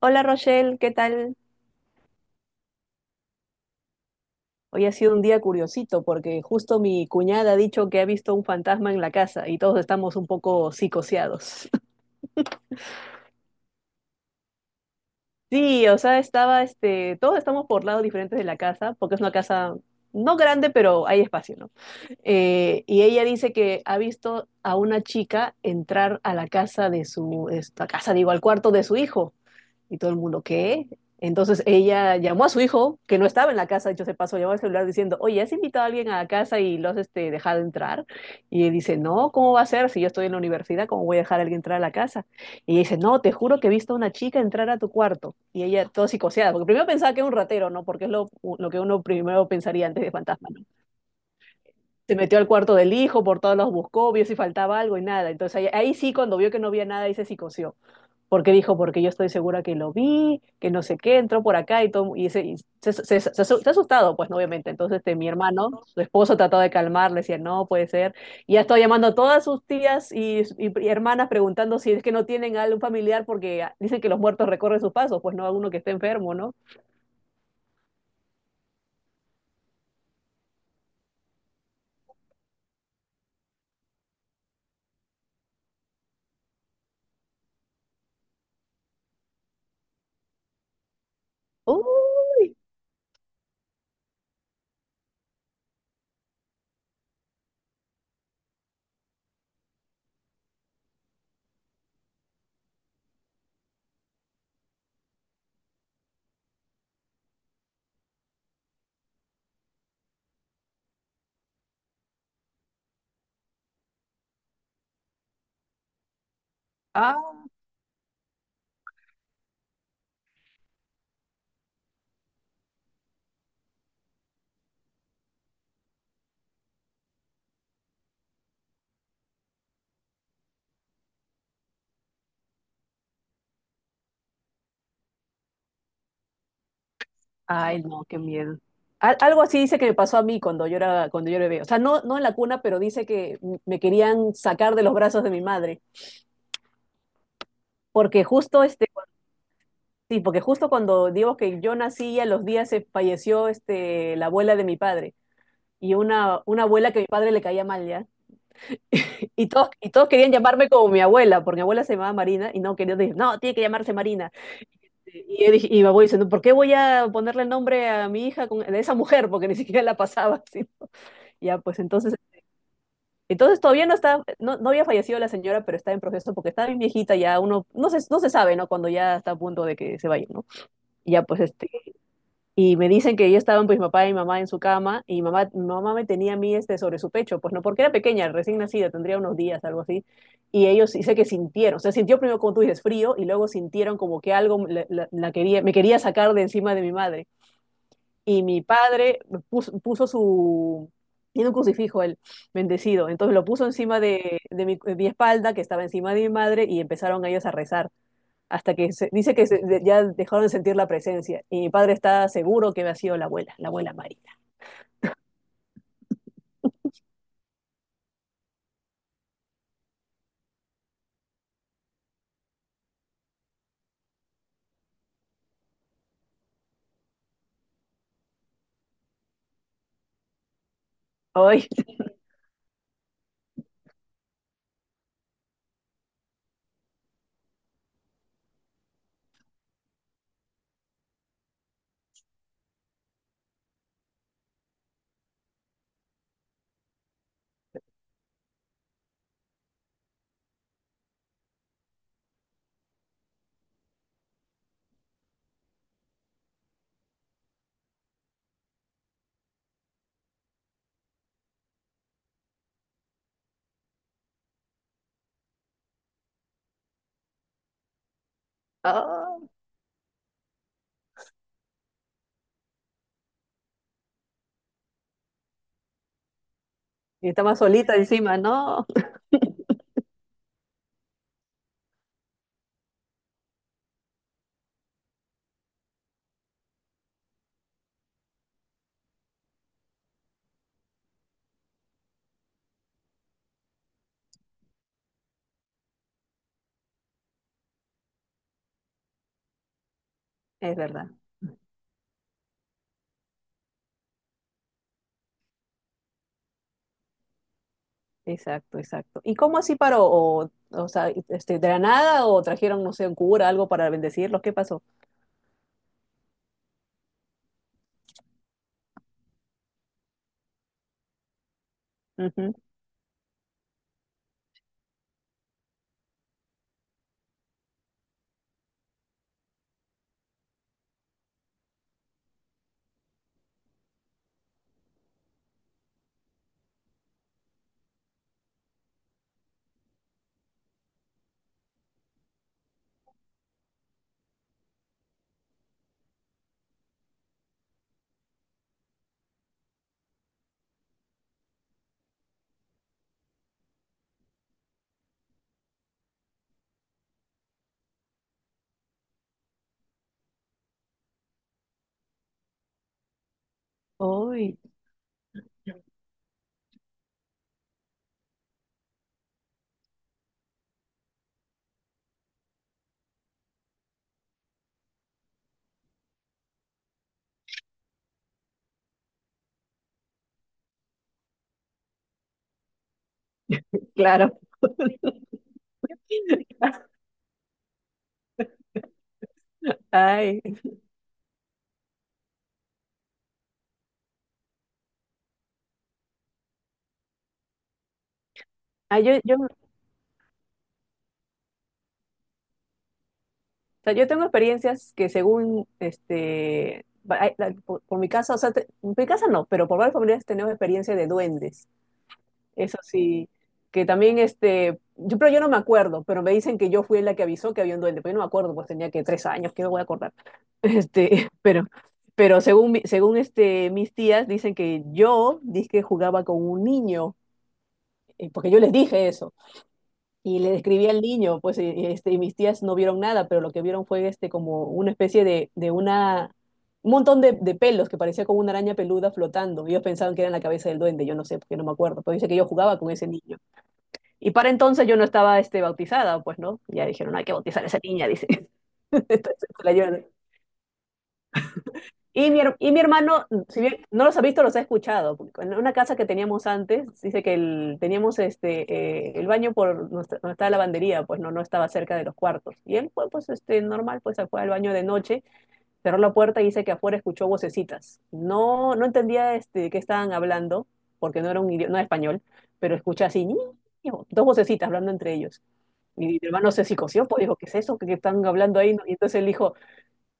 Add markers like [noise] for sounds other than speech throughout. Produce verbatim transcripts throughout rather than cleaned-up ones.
Hola Rochelle, ¿qué tal? Hoy ha sido un día curiosito porque justo mi cuñada ha dicho que ha visto un fantasma en la casa y todos estamos un poco psicoseados. [laughs] Sí, o sea, estaba este, todos estamos por lados diferentes de la casa porque es una casa no grande, pero hay espacio, ¿no? Eh, y ella dice que ha visto a una chica entrar a la casa de su, esta casa, digo, al cuarto de su hijo. Y todo el mundo, ¿qué? Entonces ella llamó a su hijo, que no estaba en la casa, dicho se pasó, llamó al celular diciendo, oye, ¿has invitado a alguien a la casa y lo has este, dejado entrar? Y él dice, no, ¿cómo va a ser? Si yo estoy en la universidad, ¿cómo voy a dejar a alguien entrar a la casa? Y ella dice, no, te juro que he visto a una chica entrar a tu cuarto. Y ella, todo psicoseada, porque primero pensaba que era un ratero, ¿no? Porque es lo, lo que uno primero pensaría antes de fantasma, ¿no? Se metió al cuarto del hijo, por todos los buscó, vio si faltaba algo y nada. Entonces ahí, ahí sí, cuando vio que no había nada, ahí se psicoseó porque dijo, porque yo estoy segura que lo vi, que no sé qué, entró por acá y todo, y, se, y se- se- se- se asu- se ha asustado, pues, ¿no? Obviamente. Entonces, este, mi hermano, su esposo, trató de calmarle, decía, no, puede ser. Y ya estaba llamando a todas sus tías y, y- y hermanas preguntando si es que no tienen algún familiar, porque ah, dicen que los muertos recorren sus pasos, pues no, alguno que esté enfermo, ¿no? Uy, ah, ay, no, qué miedo. Al- Algo así dice que me pasó a mí cuando yo era, cuando yo era bebé. O sea, no, no en la cuna, pero dice que m- me querían sacar de los brazos de mi madre porque justo este, sí, porque justo cuando digo que yo nací, a los días se falleció este, la abuela de mi padre. Y una, una abuela que a mi padre le caía mal, ¿ya? [laughs] Y todos, y todos querían llamarme como mi abuela, porque mi abuela se llamaba Marina, y no quería decir, no, tiene que llamarse Marina. Y, yo dije- y mi abuelo diciendo, ¿por qué voy a ponerle el nombre a mi hija con, de esa mujer? Porque ni siquiera la pasaba. [laughs] ¿Sí? Ya, pues entonces, entonces todavía no está, no, no había fallecido la señora, pero está en proceso porque está bien viejita, ya uno, no se, no se sabe, ¿no? Cuando ya está a punto de que se vaya, ¿no? Y ya, pues este Y me dicen que yo estaban pues mi papá y mi mamá en su cama y mi mamá, mi mamá me tenía a mí este sobre su pecho, pues no, porque era pequeña, recién nacida, tendría unos días, algo así. Y ellos dice que sintieron, o sea, sintió primero como tú dices frío y luego sintieron como que algo la, la- la quería, me quería sacar de encima de mi madre. Y mi padre puso, puso su, tiene un crucifijo él, bendecido, entonces lo puso encima de, de mi, de mi espalda, que estaba encima de mi madre, y empezaron ellos a rezar hasta que se, dice que se- de- ya dejaron de sentir la presencia. Y mi padre está seguro que había sido la abuela, la abuela Marina. Ay, [laughs] ah, y está más solita encima, no. Es verdad, exacto, exacto. ¿Y cómo así paró? O, o sea, este, ¿de la nada o trajeron, no sé, un cura, algo para bendecirlos? ¿Qué pasó? Ujú. Ay, claro. [laughs] Ay, ay, yo, yo, o sea, yo tengo experiencias que según, este, va- ay, la- por, por mi casa, o sea, te- mi casa no, pero por varias familias tenemos experiencia de duendes. Eso sí, que también este, yo, pero yo no me acuerdo, pero me dicen que yo fui la que avisó que había un duende, pero yo no me acuerdo, pues tenía que tres años, ¿qué me voy a acordar? [laughs] Este, pero, pero según, mi- según este, mis tías dicen que yo dije jugaba con un niño, eh, porque yo les dije eso, y le describí al niño, pues y- y, este, y mis tías no vieron nada, pero lo que vieron fue este, como una especie de, de una, un montón de, de pelos que parecía como una araña peluda flotando, y ellos pensaban que era la cabeza del duende, yo no sé, porque no me acuerdo, pero dice que yo jugaba con ese niño. Y para entonces yo no estaba este, bautizada, pues no. Ya dijeron, hay que bautizar a esa niña, dice. [laughs] Entonces, se la llevan. Y mi, her- y mi hermano, si bien no los ha visto, los ha escuchado. Porque en una casa que teníamos antes, dice que el, teníamos este, eh, el baño por nuestra- donde estaba la lavandería, pues no, no estaba cerca de los cuartos. Y él fue, pues, este, normal, pues se fue al baño de noche, cerró la puerta y dice que afuera escuchó vocecitas. No, no entendía este, qué estaban hablando, porque no era un idioma, no era español, pero escucha así, "Ñi, ño", dos vocecitas hablando entre ellos. Y mi hermano se psicoció, pues dijo, ¿qué es eso? ¿Qué, qué están hablando ahí? Y entonces él dijo,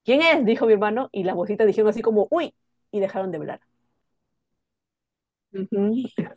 ¿quién es? Dijo mi hermano, y las voces dijeron así como, uy, y dejaron de hablar. Ujú. [laughs]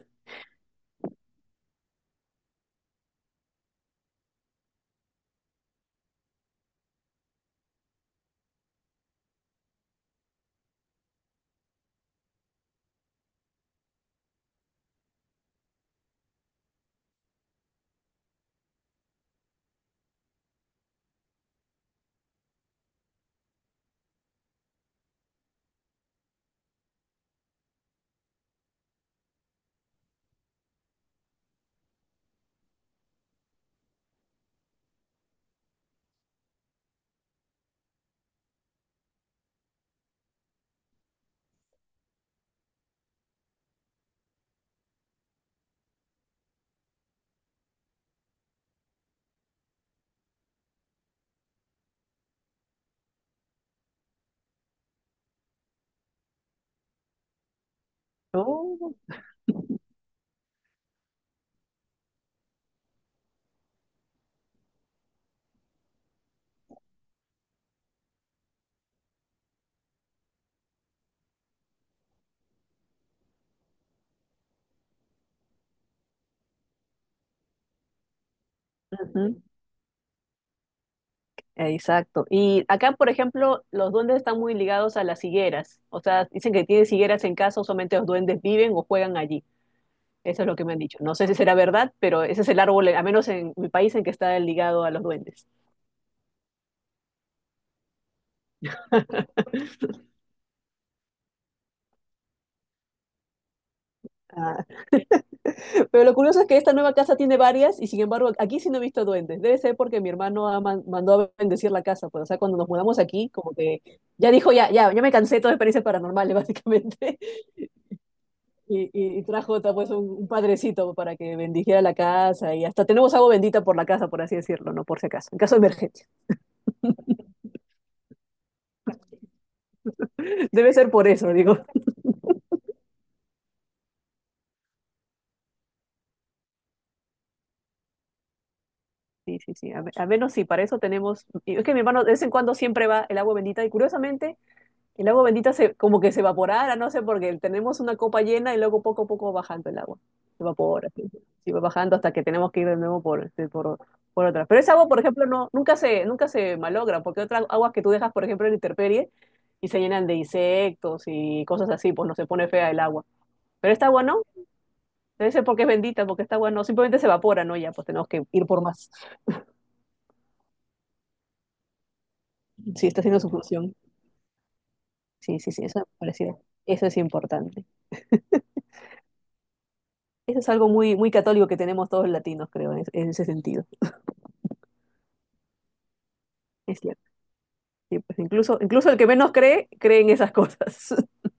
Oh, ujú. Exacto. Y acá, por ejemplo, los duendes están muy ligados a las higueras. O sea, dicen que tienen higueras en casa, solamente los duendes viven o juegan allí. Eso es lo que me han dicho. No sé si será verdad, pero ese es el árbol, al menos en mi país, en que está ligado a los duendes. [laughs] Pero lo curioso es que esta nueva casa tiene varias y sin embargo aquí sí no he visto duendes. Debe ser porque mi hermano ha man- mandó a bendecir la casa. Pues, o sea, cuando nos mudamos aquí, como que ya dijo, ya, ya, ya me cansé de todas las experiencias paranormales, [laughs] básicamente. Y, y- y trajo pues, un, un padrecito para que bendijera la casa y hasta tenemos agua bendita por la casa, por así decirlo, ¿no? Por si acaso, en caso de emergencia. [laughs] Debe ser por eso, digo. Sí, sí, sí. A, me- a menos sí, para eso tenemos... Y es que mi hermano de vez en cuando siempre va el agua bendita y curiosamente... El agua bendita se, como que se evaporara, no sé, porque tenemos una copa llena y luego poco a poco va bajando el agua. Se evapora, sí, sí, sí, va bajando hasta que tenemos que ir de nuevo por, este, por, por otra. Pero esa agua, por ejemplo, no, nunca se, nunca se malogra, porque otras aguas que tú dejas, por ejemplo, en la intemperie y se llenan de insectos y cosas así, pues no se pone fea el agua. Pero esta agua no, debe ser porque es bendita, porque esta agua no, simplemente se evapora, ¿no? Ya, pues tenemos que ir por más. Sí, está haciendo su función. Sí, sí, sí, eso me parecía. Eso es importante. Eso es algo muy, muy católico que tenemos todos los latinos, creo, en, en ese sentido. Es cierto. Sí, pues incluso, incluso el que menos cree, cree en esas cosas. [laughs]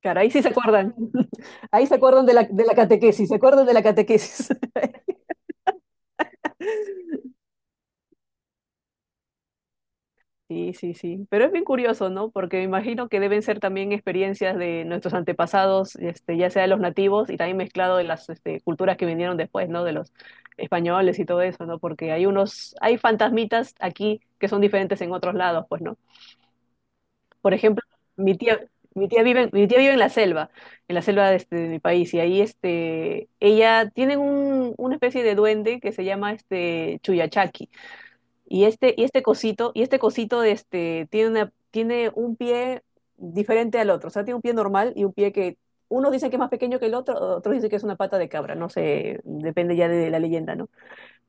Claro, ahí sí se acuerdan. [laughs] Ahí se acuerdan de la, de la catequesis, se acuerdan de la catequesis. [laughs] Sí, sí, sí. Pero es bien curioso, ¿no? Porque me imagino que deben ser también experiencias de nuestros antepasados, este, ya sea de los nativos y también mezclado de las este, culturas que vinieron después, ¿no? De los españoles y todo eso, ¿no? Porque hay unos, hay fantasmitas aquí que son diferentes en otros lados, pues, ¿no? Por ejemplo, mi tía, mi tía vive, en- mi tía vive en la selva, en la selva de, este, de mi país, y ahí este, ella tiene un- una especie de duende que se llama este Chuyachaki. Y este, y este cosito, y este cosito de este, tiene una, tiene un pie diferente al otro. O sea, tiene un pie normal y un pie que unos dicen que es más pequeño que el otro, otros dicen que es una pata de cabra, no sé, depende ya de la leyenda, ¿no?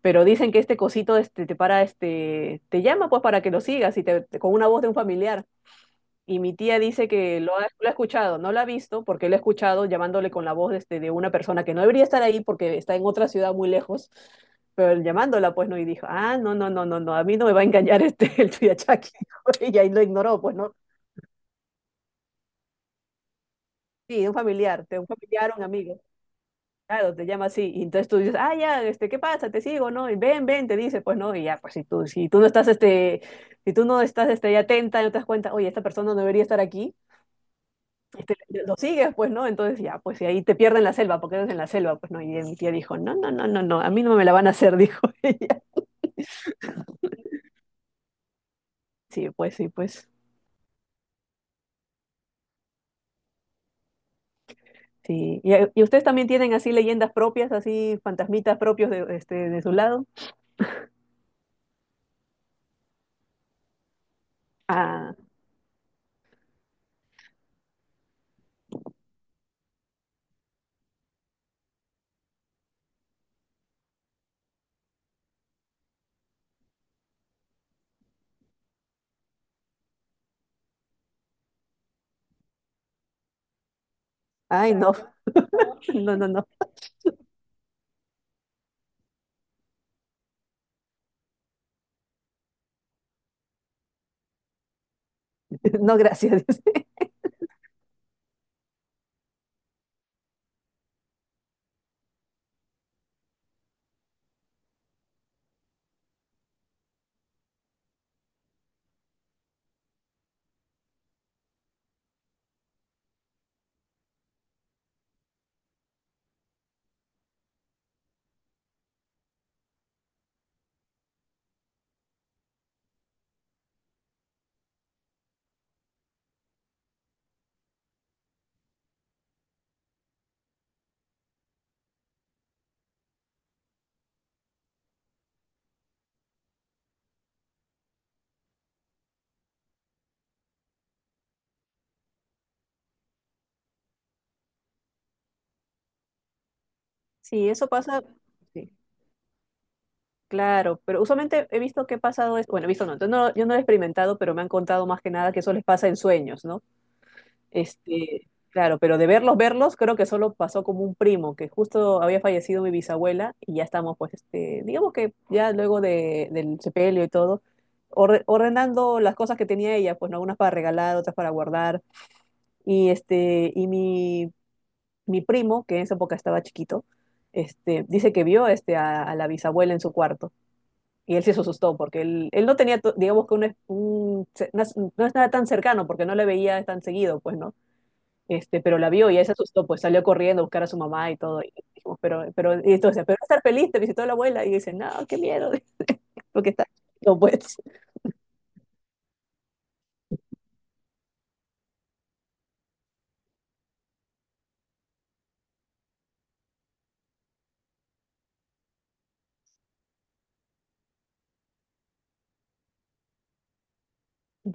Pero dicen que este cosito este, te para, este, te llama pues para que lo sigas y te, con una voz de un familiar. Y mi tía dice que lo ha, lo ha escuchado, no lo ha visto porque lo ha escuchado llamándole con la voz de, este, de una persona que no debería estar ahí porque está en otra ciudad muy lejos, pero llamándola pues no, y dijo, ah, no, no, no, no, no, a mí no me va a engañar este, [laughs] el Tuyachaki. Y ahí lo ignoró, pues no, sí, un familiar, te un familiar, un amigo, claro, te llama así, y entonces tú dices, ah, ya, este, ¿qué pasa? Te sigo, ¿no? Y ven, ven, te dice, pues no, y ya, pues si tú, si tú no estás, este, si tú no estás, este, ahí atenta, no te das cuenta, oye, esta persona no debería estar aquí, este, lo sigues, pues, ¿no? Entonces ya, pues, y ahí te pierden la selva, porque eres en la selva, pues, ¿no? Y mi tía dijo, no, no, no, no, no, a mí no me la van a hacer, [laughs] dijo ella. Sí, pues, sí, pues, sí. ¿Y, y ustedes también tienen así leyendas propias, así fantasmitas propios de, este, de su lado? Ah, ay, no, [laughs] no, no, no, [laughs] no, gracias. [laughs] Sí, eso pasa, sí, claro, pero usualmente he visto que ha pasado, es- bueno, he visto, no, entonces no, yo no lo he experimentado, pero me han contado más que nada que eso les pasa en sueños, ¿no? Este, claro, pero de verlos, verlos, creo que solo pasó como un primo, que justo había fallecido mi bisabuela y ya estamos, pues, este, digamos que ya luego de, del sepelio y todo, orde- ordenando las cosas que tenía ella, pues, ¿no? Unas para regalar, otras para guardar. Y, este, y mi, mi primo, que en esa época estaba chiquito, este, dice que vio este, a, a la bisabuela en su cuarto. Y él sí se asustó porque él, él no tenía, to- digamos que un, es- un- se- no es no es nada tan cercano porque no le veía tan seguido, pues, ¿no? Este, pero la vio y ella se asustó, pues salió corriendo a buscar a su mamá y todo. Y dijimos, pero, pero, y entonces, pero estar feliz, te visitó la abuela y dice, no, qué miedo, [laughs] porque está. No, pues,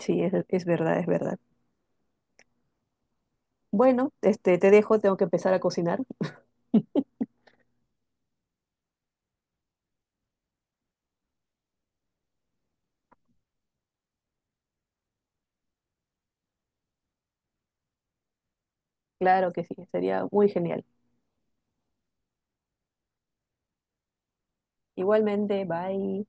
sí, es, es verdad, es verdad. Bueno, este, te dejo, tengo que empezar a cocinar. [laughs] Claro que sí, sería muy genial. Igualmente, bye.